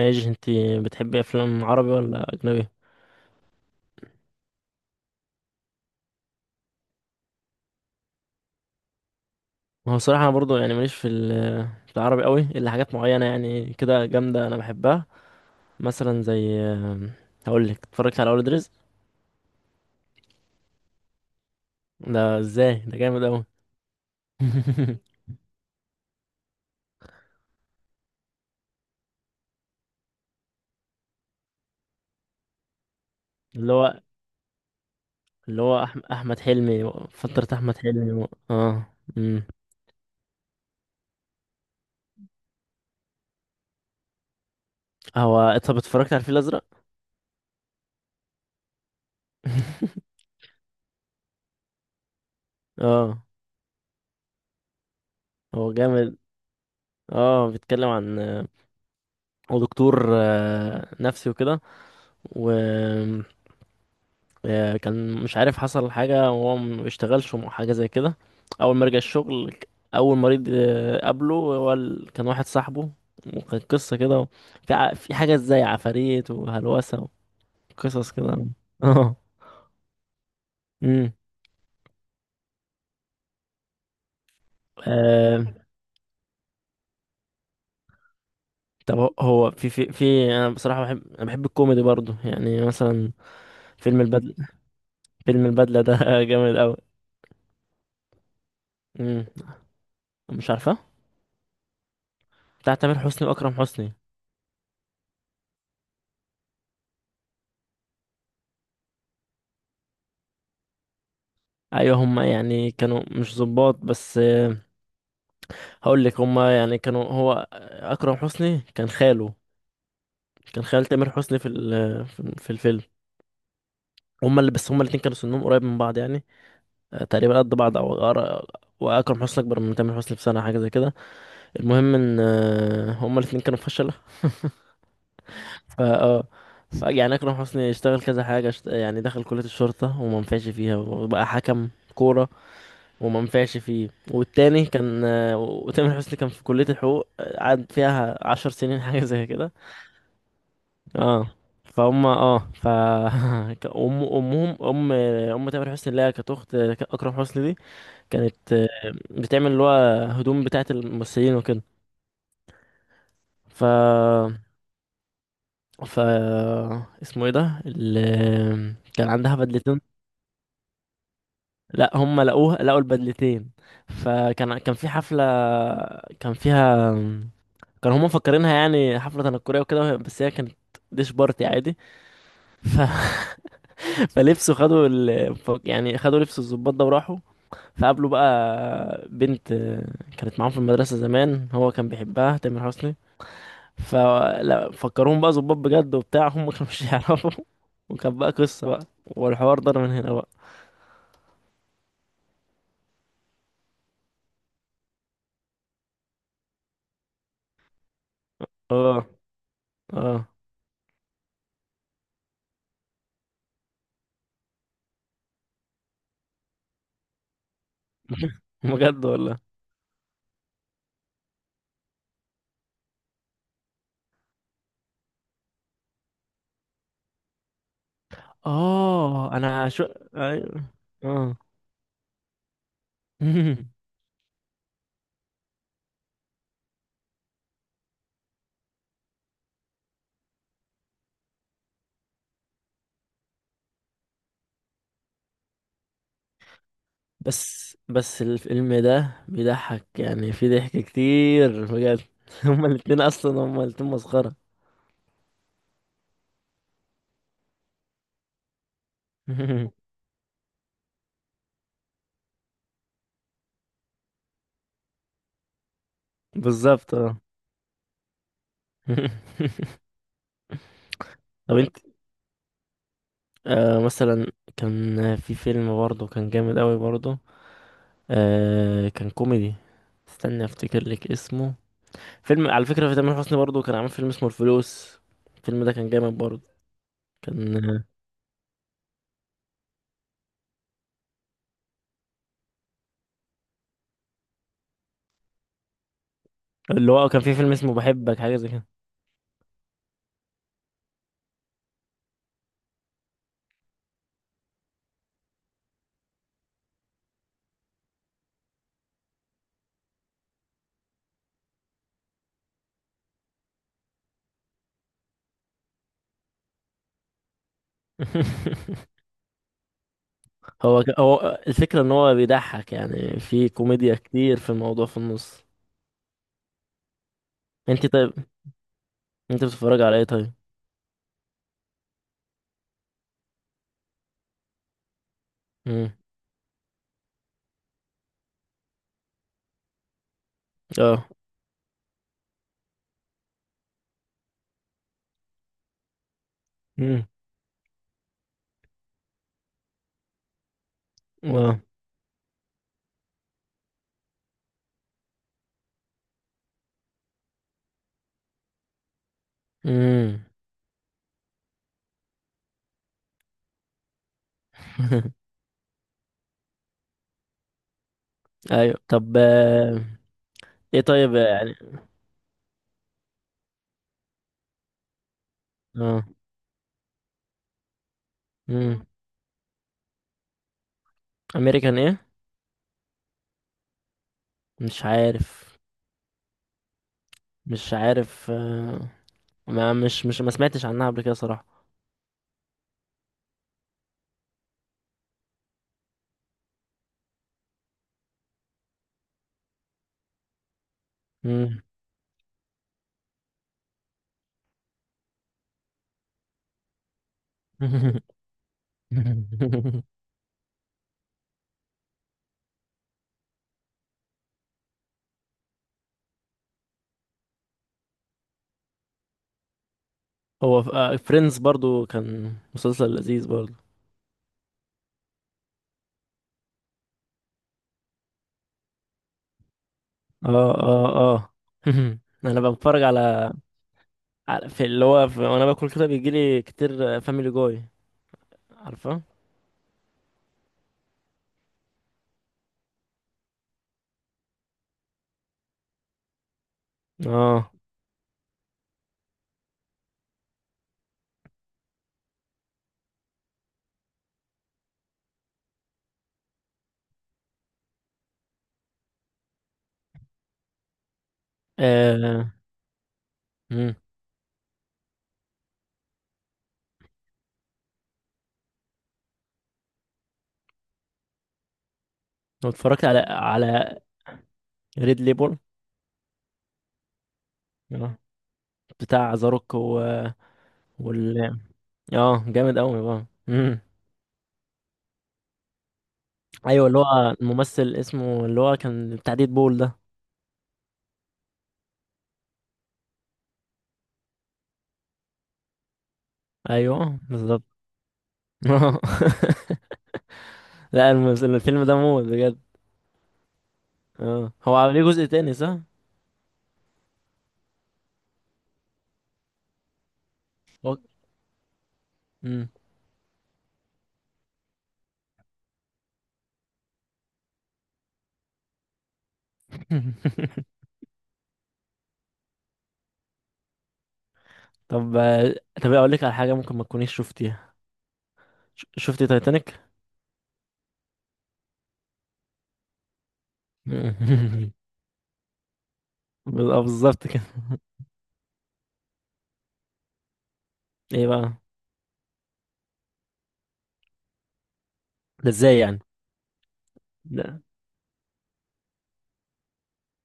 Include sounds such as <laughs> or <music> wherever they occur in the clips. ايش انت بتحبي افلام عربي ولا اجنبي؟ ما هو صراحه انا برضو يعني ماليش في العربي قوي الا حاجات معينه، يعني كده جامده انا بحبها. مثلا زي هقول لك، اتفرجت على اولاد رزق؟ ده ازاي! ده جامد قوي. <laughs> اللي هو اللي هو احمد حلمي، فتره احمد حلمي و... اه هو. طب اتفرجت على الفيل الازرق؟ <laughs> اه. هو جامد. اه، بيتكلم عن هو دكتور نفسي وكده. كان مش عارف حصل حاجة وهو ما بيشتغلش حاجة زي كده. أول ما رجع الشغل أول مريض قابله كان واحد صاحبه، وكانت قصة كده، في حاجة زي عفاريت وهلوسة وقصص كده. <laughs> اه. امم آه، طب هو في أنا بصراحة بحب الكوميدي برضو، يعني مثلا فيلم البدلة فيلم البدلة ده <laughs> جامد أوي. امم مش عارفة. بتاع تامر حسني وأكرم حسني. أيوة، هما يعني كانوا مش ظباط بس. هقول لك، هما يعني كانوا، هو اكرم حسني كان خاله، كان خال تامر حسني في ال- في في الفيلم. هما اللي بس هما الاتنين كانوا سنهم قريب من بعض يعني. تقريبا قد بعض او واكرم حسني اكبر من تامر حسني بسنه حاجه زي كده. المهم ان هما الاتنين كانوا فشله. ف اه يعني اكرم حسني اشتغل كذا حاجه، يعني دخل كليه الشرطه وما نفعش فيها، وبقى حكم كوره وما نفعش فيه. والتاني كان، وتامر حسني كان في كليه الحقوق، قعد فيها عشر سنين حاجه زي كده. اه فهم اه ف <laughs> امهم، ام ام تامر حسني اللي هي كانت اخت اكرم حسني دي، كانت بتعمل اللي هو هدوم بتاعه الممثلين وكده. ف ف اسمه ايه ده اللي <laughs> كان عندها بدلتين. لا، هم لقوا البدلتين. فكان في حفله، كان فيها، كانوا هم مفكرينها يعني حفله تنكريه وكده، بس هي كانت ديش بارتي عادي. ف... <laughs> فلبسوا يعني خدوا لبس الضباط ده وراحوا. فقابله بقى بنت كانت معاهم في المدرسة زمان، هو كان بيحبها تامر حسني. ففكرهم بقى ظباط بجد وبتاع، هم ما كانوش <laughs> يعرفوا. وكان بقى قصة بقى، والحوار ضرب من هنا بقى. اه، اه. <laughs> بجد والله. اه، انا شو. أيوة. اه. <laughs> بس الفيلم ده بيضحك، يعني في ضحك كتير بجد. <laughs> هما الاتنين اصلا، هما الاتنين مسخرة. <laughs> بالظبط، اه. <laughs> طب انت؟ مثلا كان في فيلم برضه كان جامد قوي برضه، كان كوميدي. استنى افتكر لك اسمه. فيلم على فكرة في تامر حسني برضه كان عامل فيلم اسمه الفلوس. الفيلم ده كان جامد برضه. كان آه، اللي هو كان في فيلم اسمه بحبك حاجة زي كده. <laughs> هو الفكرة ان هو بيضحك، يعني في كوميديا كتير في الموضوع في النص. انت طيب، انت بتتفرج على ايه طيب؟ مم. اه. مم. اه. مم. <laughs> ايوه، طب. ايه طيب يعني. اه. امم. امريكان ايه؟ مش عارف. مش عارف. ما مش مش ما سمعتش عنها قبل كده صراحة. مم. <laughs> هو فريندز برضو كان مسلسل لذيذ برضو. اه، اه، اه. <laughs> انا بتفرج على على- في اللي هو في... وانا باكل كده بيجيلي كتير فاميلي جوي، عارفه؟ اه. آه، امم اتفرجت على ريد ليبل. اه، بتاع ذا روك و... وال اه جامد قوي بقى. ايوه، اللي هو الممثل اسمه، اللي هو كان بتاع ديد بول ده. ايوه بالظبط. <laughs> لا، الفيلم ده موت بجد. اه، هو عامل ليه جزء تاني صح؟ هو- مم. <laughs> طب طب اقول لك على حاجه ممكن ما تكونيش شفتيها. شفتي تايتانيك؟ مم. <laughs> بالظبط كده. ايه بقى؟ ده ازاي يعني؟ ده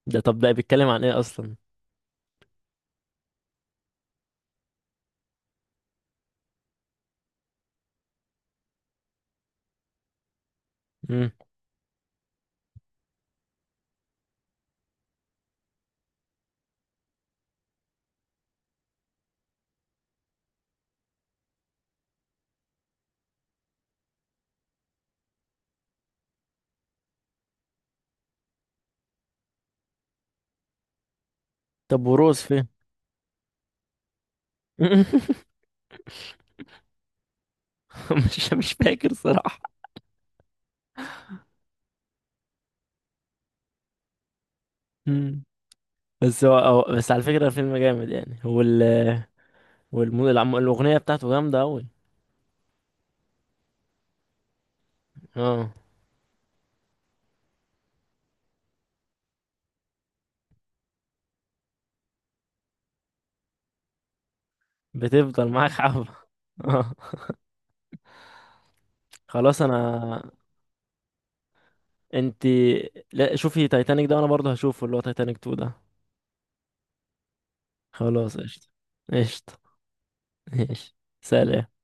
ده طب ده بيتكلم عن ايه اصلا؟ مم. طب وروز فين؟ <laughs> مش فاكر صراحه. مم. بس بس على فكرة الفيلم جامد يعني هو. الأغنية بتاعته جامدة أوي. اه، بتفضل معاك حبة. <laughs> اه. خلاص. أنا انتي لا، شوفي تايتانيك ده، وأنا برضه هشوفه اللي هو تايتانيك 2 ده. خلاص قشطة. قشطة. ماشي، سلام.